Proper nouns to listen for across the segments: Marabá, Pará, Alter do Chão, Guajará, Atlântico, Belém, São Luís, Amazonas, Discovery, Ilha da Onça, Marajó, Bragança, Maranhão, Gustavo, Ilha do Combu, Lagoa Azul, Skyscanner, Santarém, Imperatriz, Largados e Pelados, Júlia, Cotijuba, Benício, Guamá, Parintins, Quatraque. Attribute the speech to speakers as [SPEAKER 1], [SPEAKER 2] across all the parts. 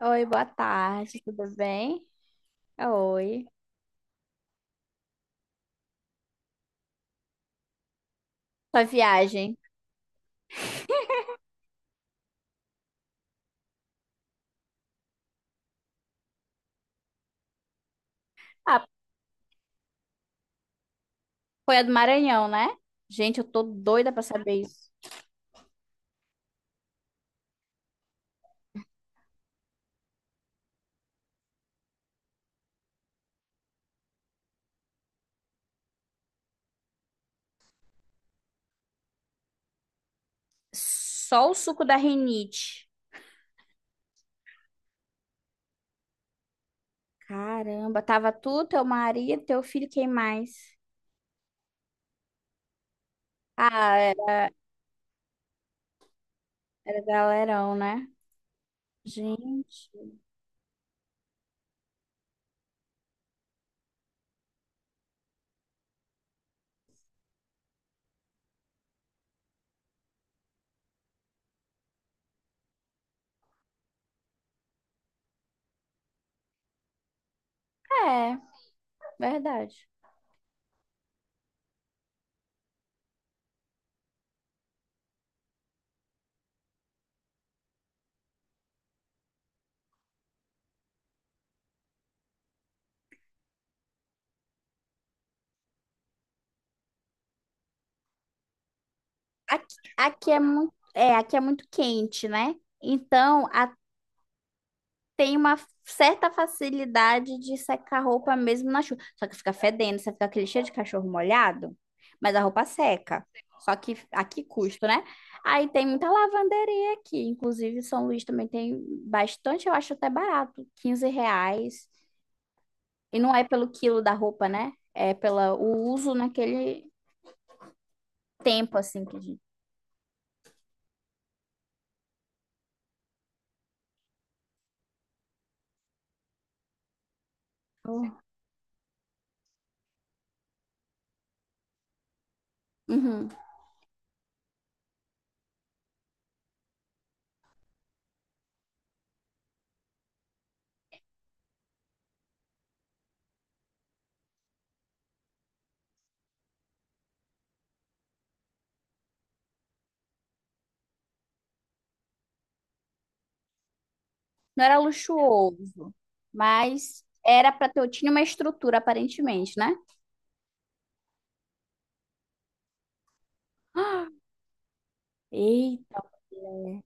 [SPEAKER 1] Oi, boa tarde, tudo bem? Oi. Sua viagem? Ah, foi a do Maranhão, né? Gente, eu tô doida pra saber isso. Só o suco da rinite. Caramba, tava tu, teu marido, teu filho, quem mais? Ah, era galerão, né? Gente. É, verdade. Aqui é muito quente, né? Então, a tem uma certa facilidade de secar a roupa mesmo na chuva. Só que fica fedendo, você fica aquele cheiro de cachorro molhado, mas a roupa seca. Só que a que custo, né? Aí tem muita lavanderia aqui. Inclusive, São Luís também tem bastante, eu acho até barato, 15 reais. E não é pelo quilo da roupa, né? É pelo uso naquele tempo, assim, que a gente... Uhum. Não era luxuoso, mas era para ter, tinha uma estrutura, aparentemente, né? Eita, mulher.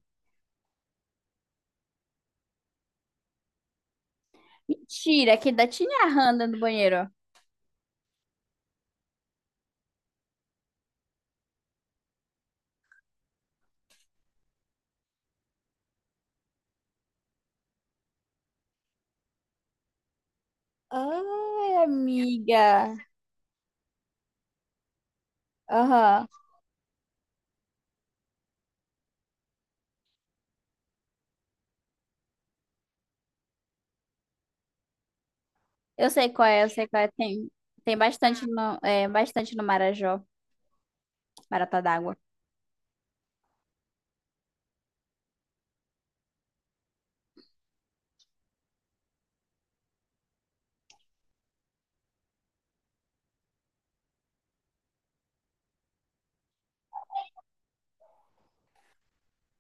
[SPEAKER 1] Mentira, que ainda tinha a Handa no banheiro. Ai, amiga. Aham. Eu sei qual é, eu sei qual é. Tem bastante no Marajó, Maratá d'Água.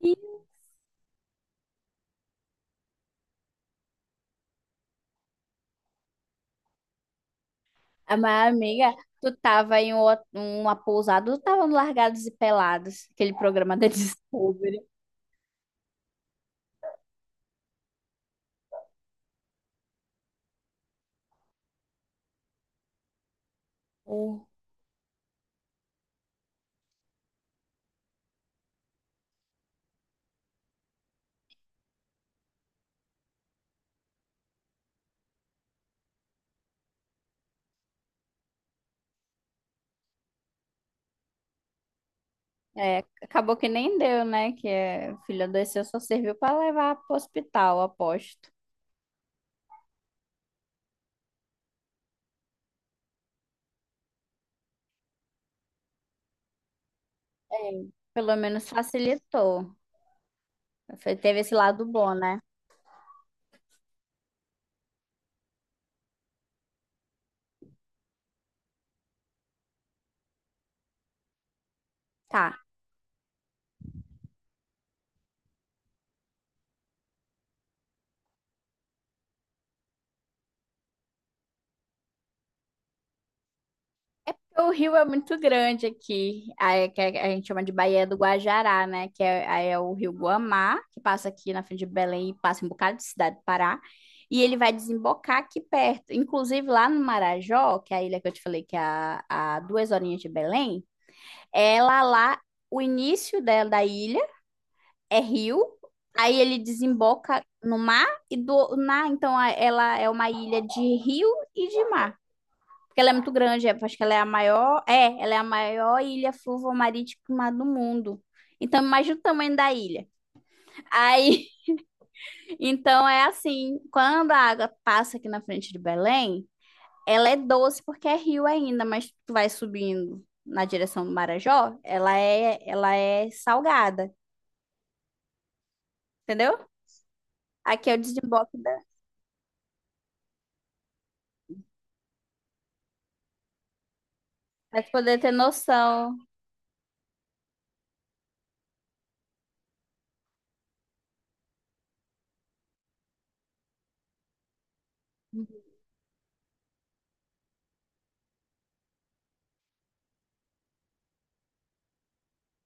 [SPEAKER 1] Ih, ah, mas, amiga, tu tava em uma pousada, tu tava no Largados e Pelados, aquele programa da Discovery. o- É, acabou que nem deu, né? Que é, o filho adoeceu, só serviu pra levar pro hospital, aposto. É. Pelo menos facilitou. Teve esse lado bom, né? Tá. O rio é muito grande aqui, aí que a gente chama de Baía do Guajará, né? Que é, aí é o rio Guamá, que passa aqui na frente de Belém e passa em um bocado de cidade do Pará. E ele vai desembocar aqui perto. Inclusive, lá no Marajó, que é a ilha que eu te falei que é a 2 horinhas de Belém, ela lá, o início dela, da ilha é rio, aí ele desemboca no mar então ela é uma ilha de rio e de mar. Porque ela é muito grande, acho que ela é a maior ilha fluvial-marítima do mundo. Então, imagina o tamanho da ilha. Aí, então é assim, quando a água passa aqui na frente de Belém, ela é doce porque é rio ainda, mas tu vai subindo na direção do Marajó, ela é salgada, entendeu? Aqui é o desemboque da, pra tu poder ter noção.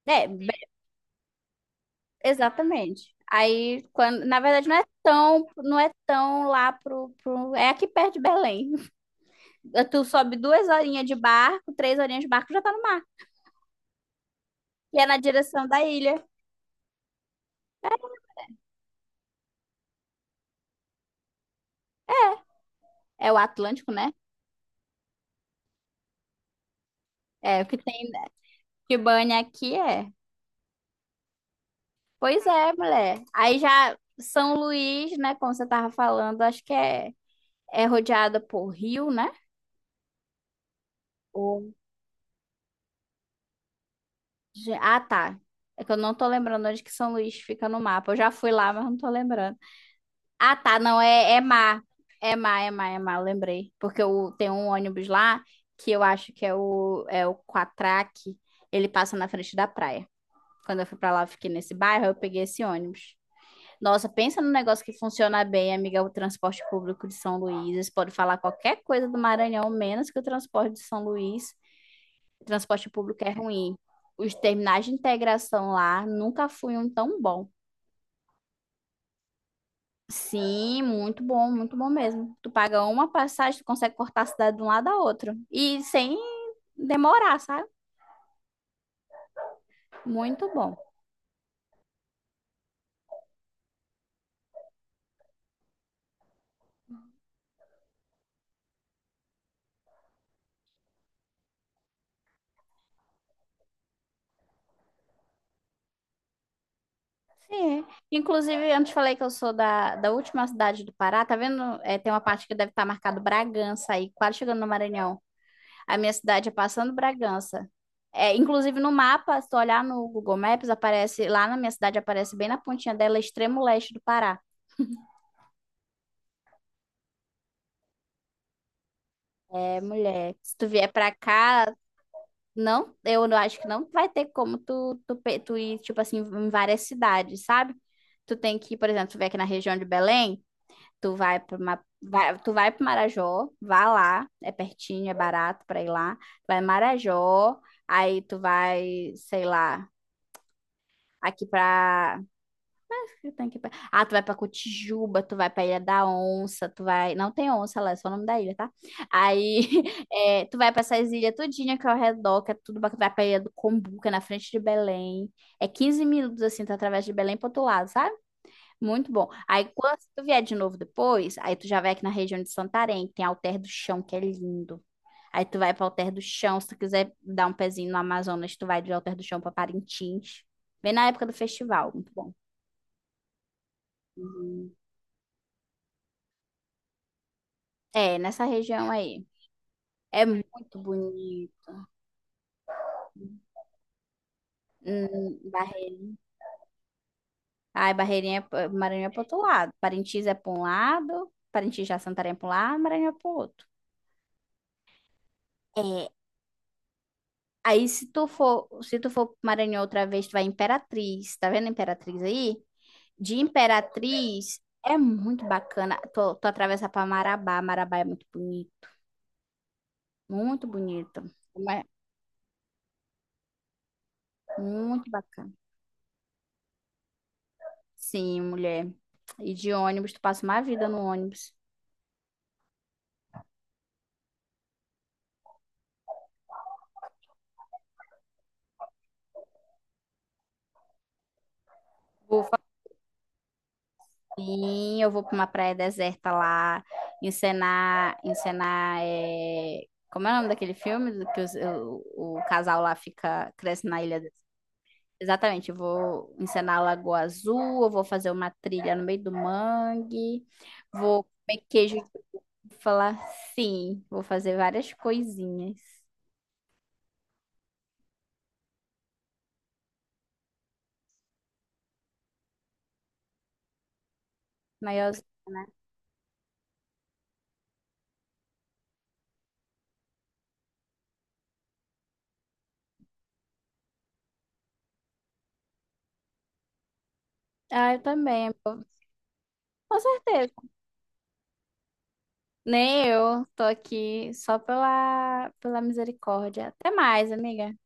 [SPEAKER 1] É, exatamente. Aí, quando, na verdade, não é tão lá é aqui perto de Belém. Tu sobe 2 horinhas de barco, 3 horinhas de barco, já tá no mar. E é na direção da ilha. É o Atlântico, né? É, o que tem de banha aqui é. Pois é, mulher. Aí já São Luís, né, como você tava falando, é rodeada por rio, né? Ou... Ah, tá. É que eu não tô lembrando onde que São Luís fica no mapa. Eu já fui lá, mas não tô lembrando. Ah, tá, não, é má. É má, é má, é má, eu lembrei. Porque eu, tem um ônibus lá que eu acho que é o Quatraque. Ele passa na frente da praia. Quando eu fui pra lá, eu fiquei nesse bairro, eu peguei esse ônibus. Nossa, pensa num negócio que funciona bem, amiga, o transporte público de São Luís. Eles podem falar qualquer coisa do Maranhão, menos que o transporte de São Luís. O transporte público é ruim. Os terminais de integração lá nunca foi um tão bom. Sim, muito bom mesmo. Tu paga uma passagem, tu consegue cortar a cidade de um lado a outro. E sem demorar, sabe? Muito bom. Sim. Inclusive, antes falei que eu sou da última cidade do Pará, tá vendo? É, tem uma parte que deve estar marcado Bragança aí, quase chegando no Maranhão. A minha cidade é passando Bragança. É, inclusive no mapa, se tu olhar no Google Maps, aparece lá na minha cidade, aparece bem na pontinha dela, extremo leste do Pará. É, mulher, se tu vier pra cá, não, eu acho que não vai ter como tu ir, tipo assim, em várias cidades, sabe? Tu tem que, por exemplo, tu vem aqui na região de Belém, tu vai para Marajó, vá lá, é pertinho, é barato para ir lá. Vai em Marajó, aí tu vai, sei lá, aqui para eu tenho que ir ah, tu vai pra Cotijuba, tu vai pra Ilha da Onça, tu vai. Não tem onça lá, é só o nome da ilha, tá? Aí é, tu vai pra essas ilhas tudinha que é ao redor, que é tudo bacana. Tu vai pra Ilha do Combu, que é na frente de Belém. É 15 minutos assim, tu através de Belém pro outro lado, sabe? Muito bom. Aí quando tu vier de novo depois, aí tu já vai aqui na região de Santarém, que tem Alter do Chão, que é lindo. Aí tu vai pra Alter do Chão, se tu quiser dar um pezinho no Amazonas, tu vai de Alter do Chão pra Parintins. Bem na época do festival, muito bom. Uhum. É, nessa região aí. É muito bonito. Hum. Ai, Barreirinha, Maranhão é pro outro lado. Parintins é pra um lado, Parintins já Santarém é pra um lado, Maranhão é pro outro. É. Aí, se tu for, se tu for pro Maranhão outra vez, tu vai em Imperatriz. Tá vendo a Imperatriz aí? De Imperatriz é muito bacana. Tu atravessa pra Marabá. Marabá é muito bonito. Muito bonito. Uma- Muito bacana. Sim, mulher. E de ônibus, tu passa uma vida no ônibus. Vou Sim, eu vou para uma praia deserta lá, encenar, encenar, é... como é o nome daquele filme do que o casal lá fica, cresce na ilha? Exatamente, eu vou encenar a Lagoa Azul, eu vou fazer uma trilha no meio do mangue, vou comer queijo de falar sim, vou fazer várias coisinhas. Mas, ah, eu também, com certeza. Nem eu, tô aqui só pela misericórdia. Até mais, amiga.